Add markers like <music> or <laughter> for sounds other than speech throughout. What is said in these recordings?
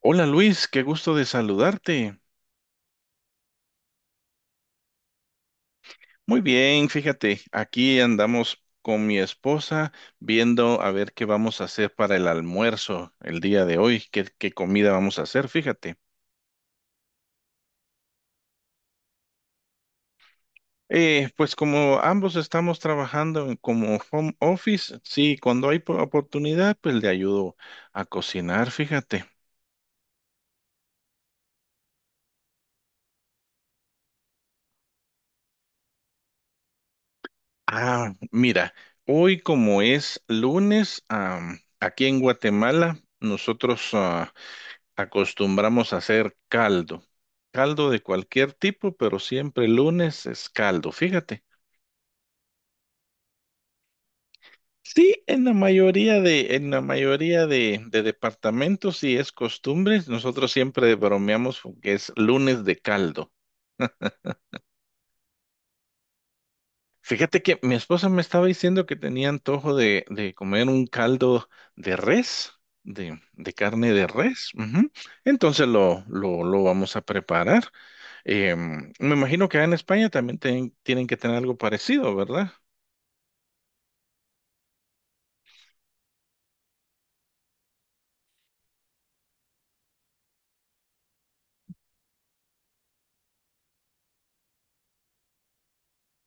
Hola Luis, qué gusto de saludarte. Muy bien, fíjate, aquí andamos con mi esposa viendo a ver qué vamos a hacer para el almuerzo el día de hoy, qué comida vamos a hacer, fíjate. Pues como ambos estamos trabajando como home office, sí, cuando hay oportunidad, pues le ayudo a cocinar, fíjate. Ah, mira, hoy como es lunes, aquí en Guatemala, nosotros acostumbramos a hacer caldo. Caldo de cualquier tipo, pero siempre el lunes es caldo. Fíjate. Sí, en la mayoría de departamentos sí es costumbre. Nosotros siempre bromeamos con que es lunes de caldo. Fíjate que mi esposa me estaba diciendo que tenía antojo de comer un caldo de res, de carne de res. Ujú. Entonces lo vamos a preparar. Me imagino que en España también tienen que tener algo parecido, ¿verdad?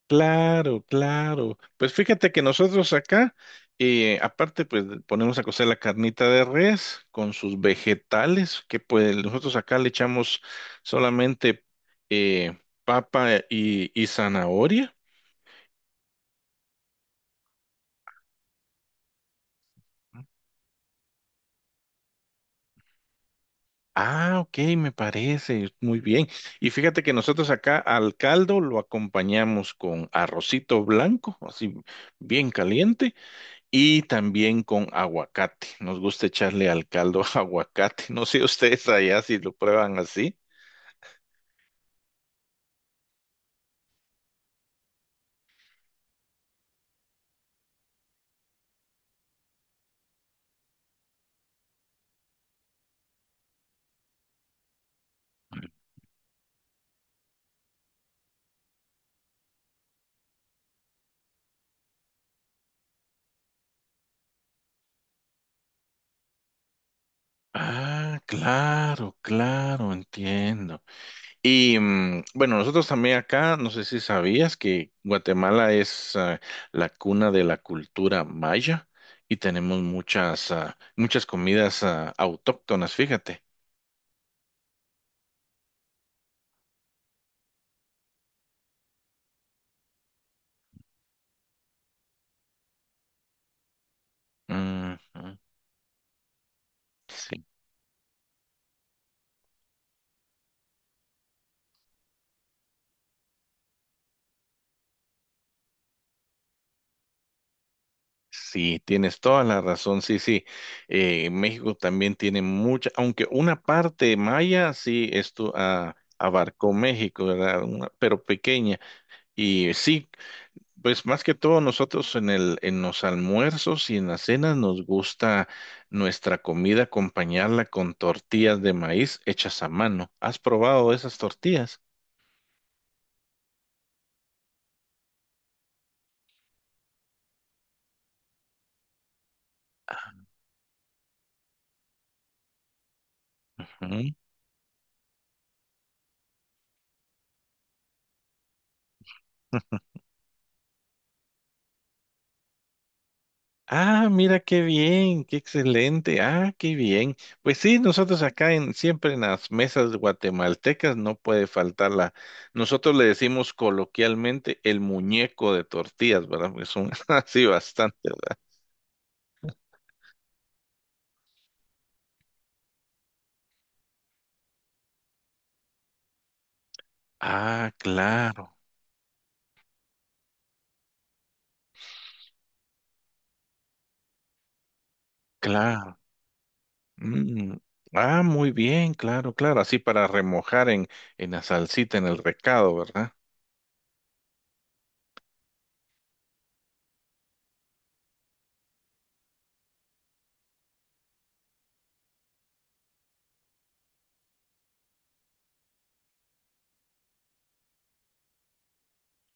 Claro, claro. Pues fíjate que nosotros acá, aparte, pues ponemos a cocer la carnita de res con sus vegetales, que pues nosotros acá le echamos solamente eh, papa y zanahoria. Ah, ok, me parece, muy bien. Y fíjate que nosotros acá al caldo lo acompañamos con arrocito blanco, así bien caliente. Y también con aguacate. Nos gusta echarle al caldo <laughs> aguacate. No sé ustedes allá si lo prueban así. Ah, claro, claro, entiendo. Y mm, bueno, nosotros también acá, no sé si sabías que Guatemala es la cuna de la cultura maya y tenemos muchas, muchas comidas autóctonas, fíjate. Ujú, sí. Sí, tienes toda la razón, sí, sí. México también tiene mucha, aunque una parte maya, sí, esto abarcó México, ¿verdad? Pero pequeña. Y sí, pues más que todo nosotros en los almuerzos y en las cenas nos gusta nuestra comida acompañarla con tortillas de maíz hechas a mano. ¿Has probado esas tortillas? Ujú. Ah, mira qué bien, qué excelente. Ah, qué bien. Pues sí, nosotros acá en siempre en las mesas guatemaltecas no puede faltar la. Nosotros le decimos coloquialmente el muñeco de tortillas, ¿verdad? Porque son <laughs> así bastante, ¿verdad? Ah, claro, claro. Mm. Ah, muy bien, claro, claro. Así para remojar en la salsita, en el recado, ¿verdad?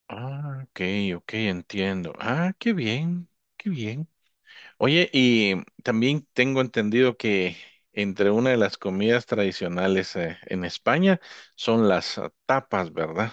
Ah, ok, ok, entiendo. Ah, qué bien, qué bien. Oye, y también tengo entendido que entre una de las comidas tradicionales en España son las tapas, ¿verdad?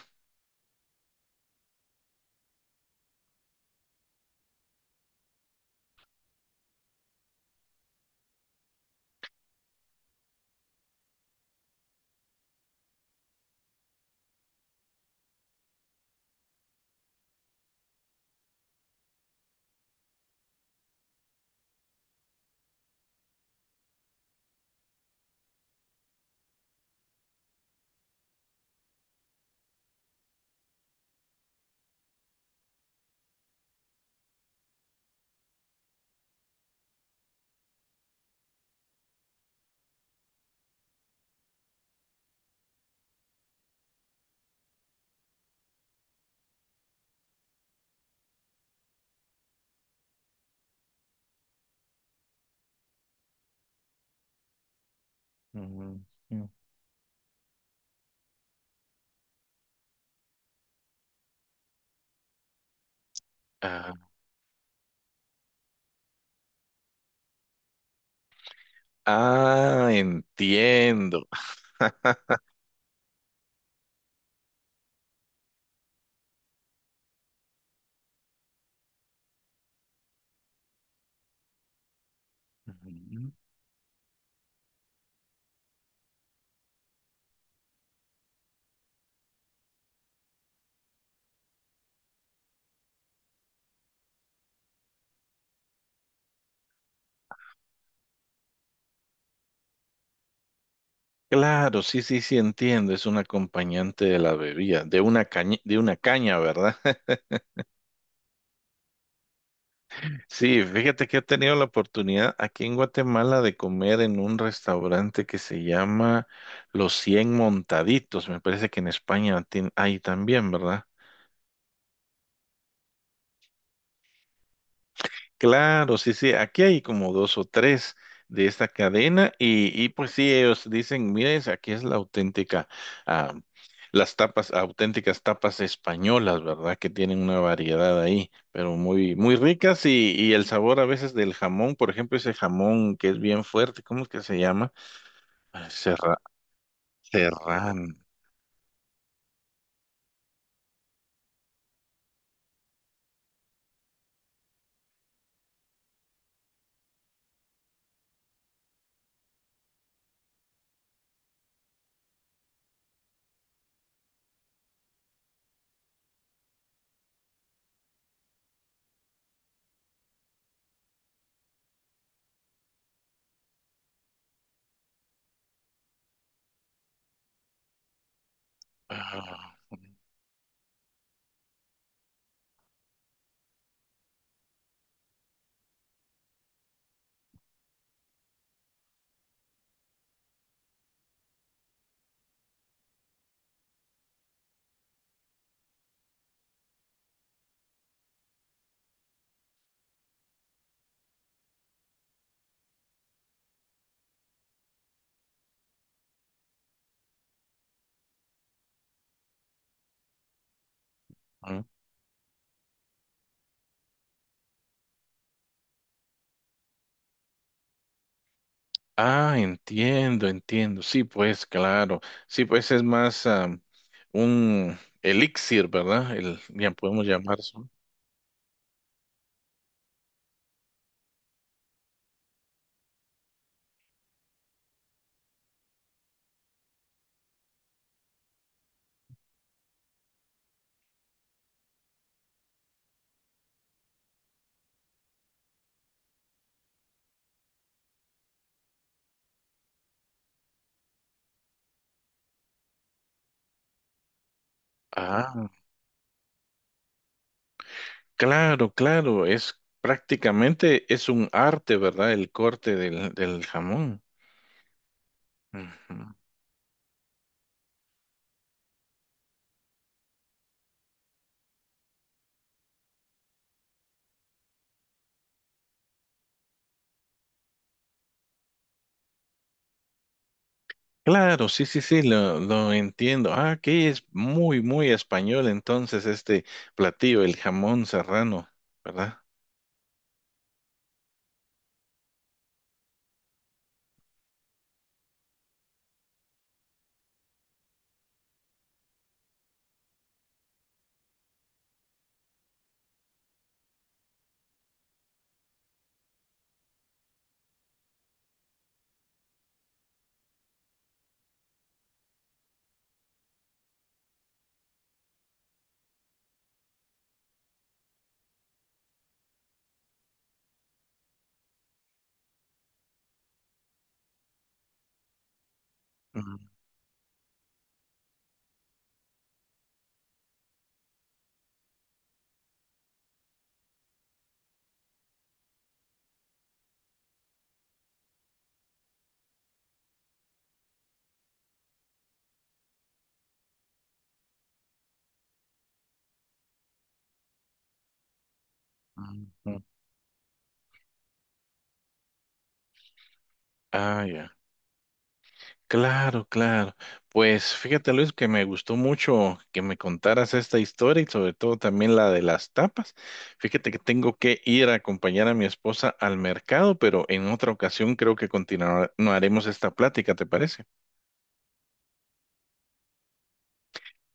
Ujú, ujú. Ah, ah, entiendo. <laughs> Ujú. Claro, sí, sí, sí, entiendo. Es un acompañante de la bebida, de una caña, ¿verdad? Sí, fíjate que he tenido la oportunidad aquí en Guatemala de comer en un restaurante que se llama Los 100 Montaditos. Me parece que en España hay también, ¿verdad? Claro, sí, sí, aquí hay como dos o tres de esta cadena y pues sí, ellos dicen, miren, aquí es la auténtica, ah, las tapas, auténticas tapas españolas, ¿verdad? Que tienen una variedad ahí, pero muy, muy ricas y el sabor a veces del jamón, por ejemplo, ese jamón que es bien fuerte, ¿cómo es que se llama? Ah, Serra, serrano. Ah, entiendo, entiendo. Sí, pues claro. Sí, pues es más un elixir, ¿verdad? El, ya podemos llamar eso. Ah, claro, claro. Es prácticamente es un arte, ¿verdad? El corte del jamón. Ujú. Claro, sí, sí, sí, lo entiendo. Ah, que es muy, muy español entonces este platillo, el jamón serrano, ¿verdad? Ujú, ujú. Ah, ya. Claro, claro. Pues fíjate, Luis, que me gustó mucho que me contaras esta historia y sobre todo también la de las tapas. Fíjate que tengo que ir a acompañar a mi esposa al mercado, pero en otra ocasión creo que continuaremos esta plática, ¿te parece?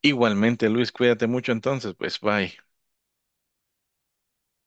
Igualmente, Luis, cuídate mucho entonces, pues bye.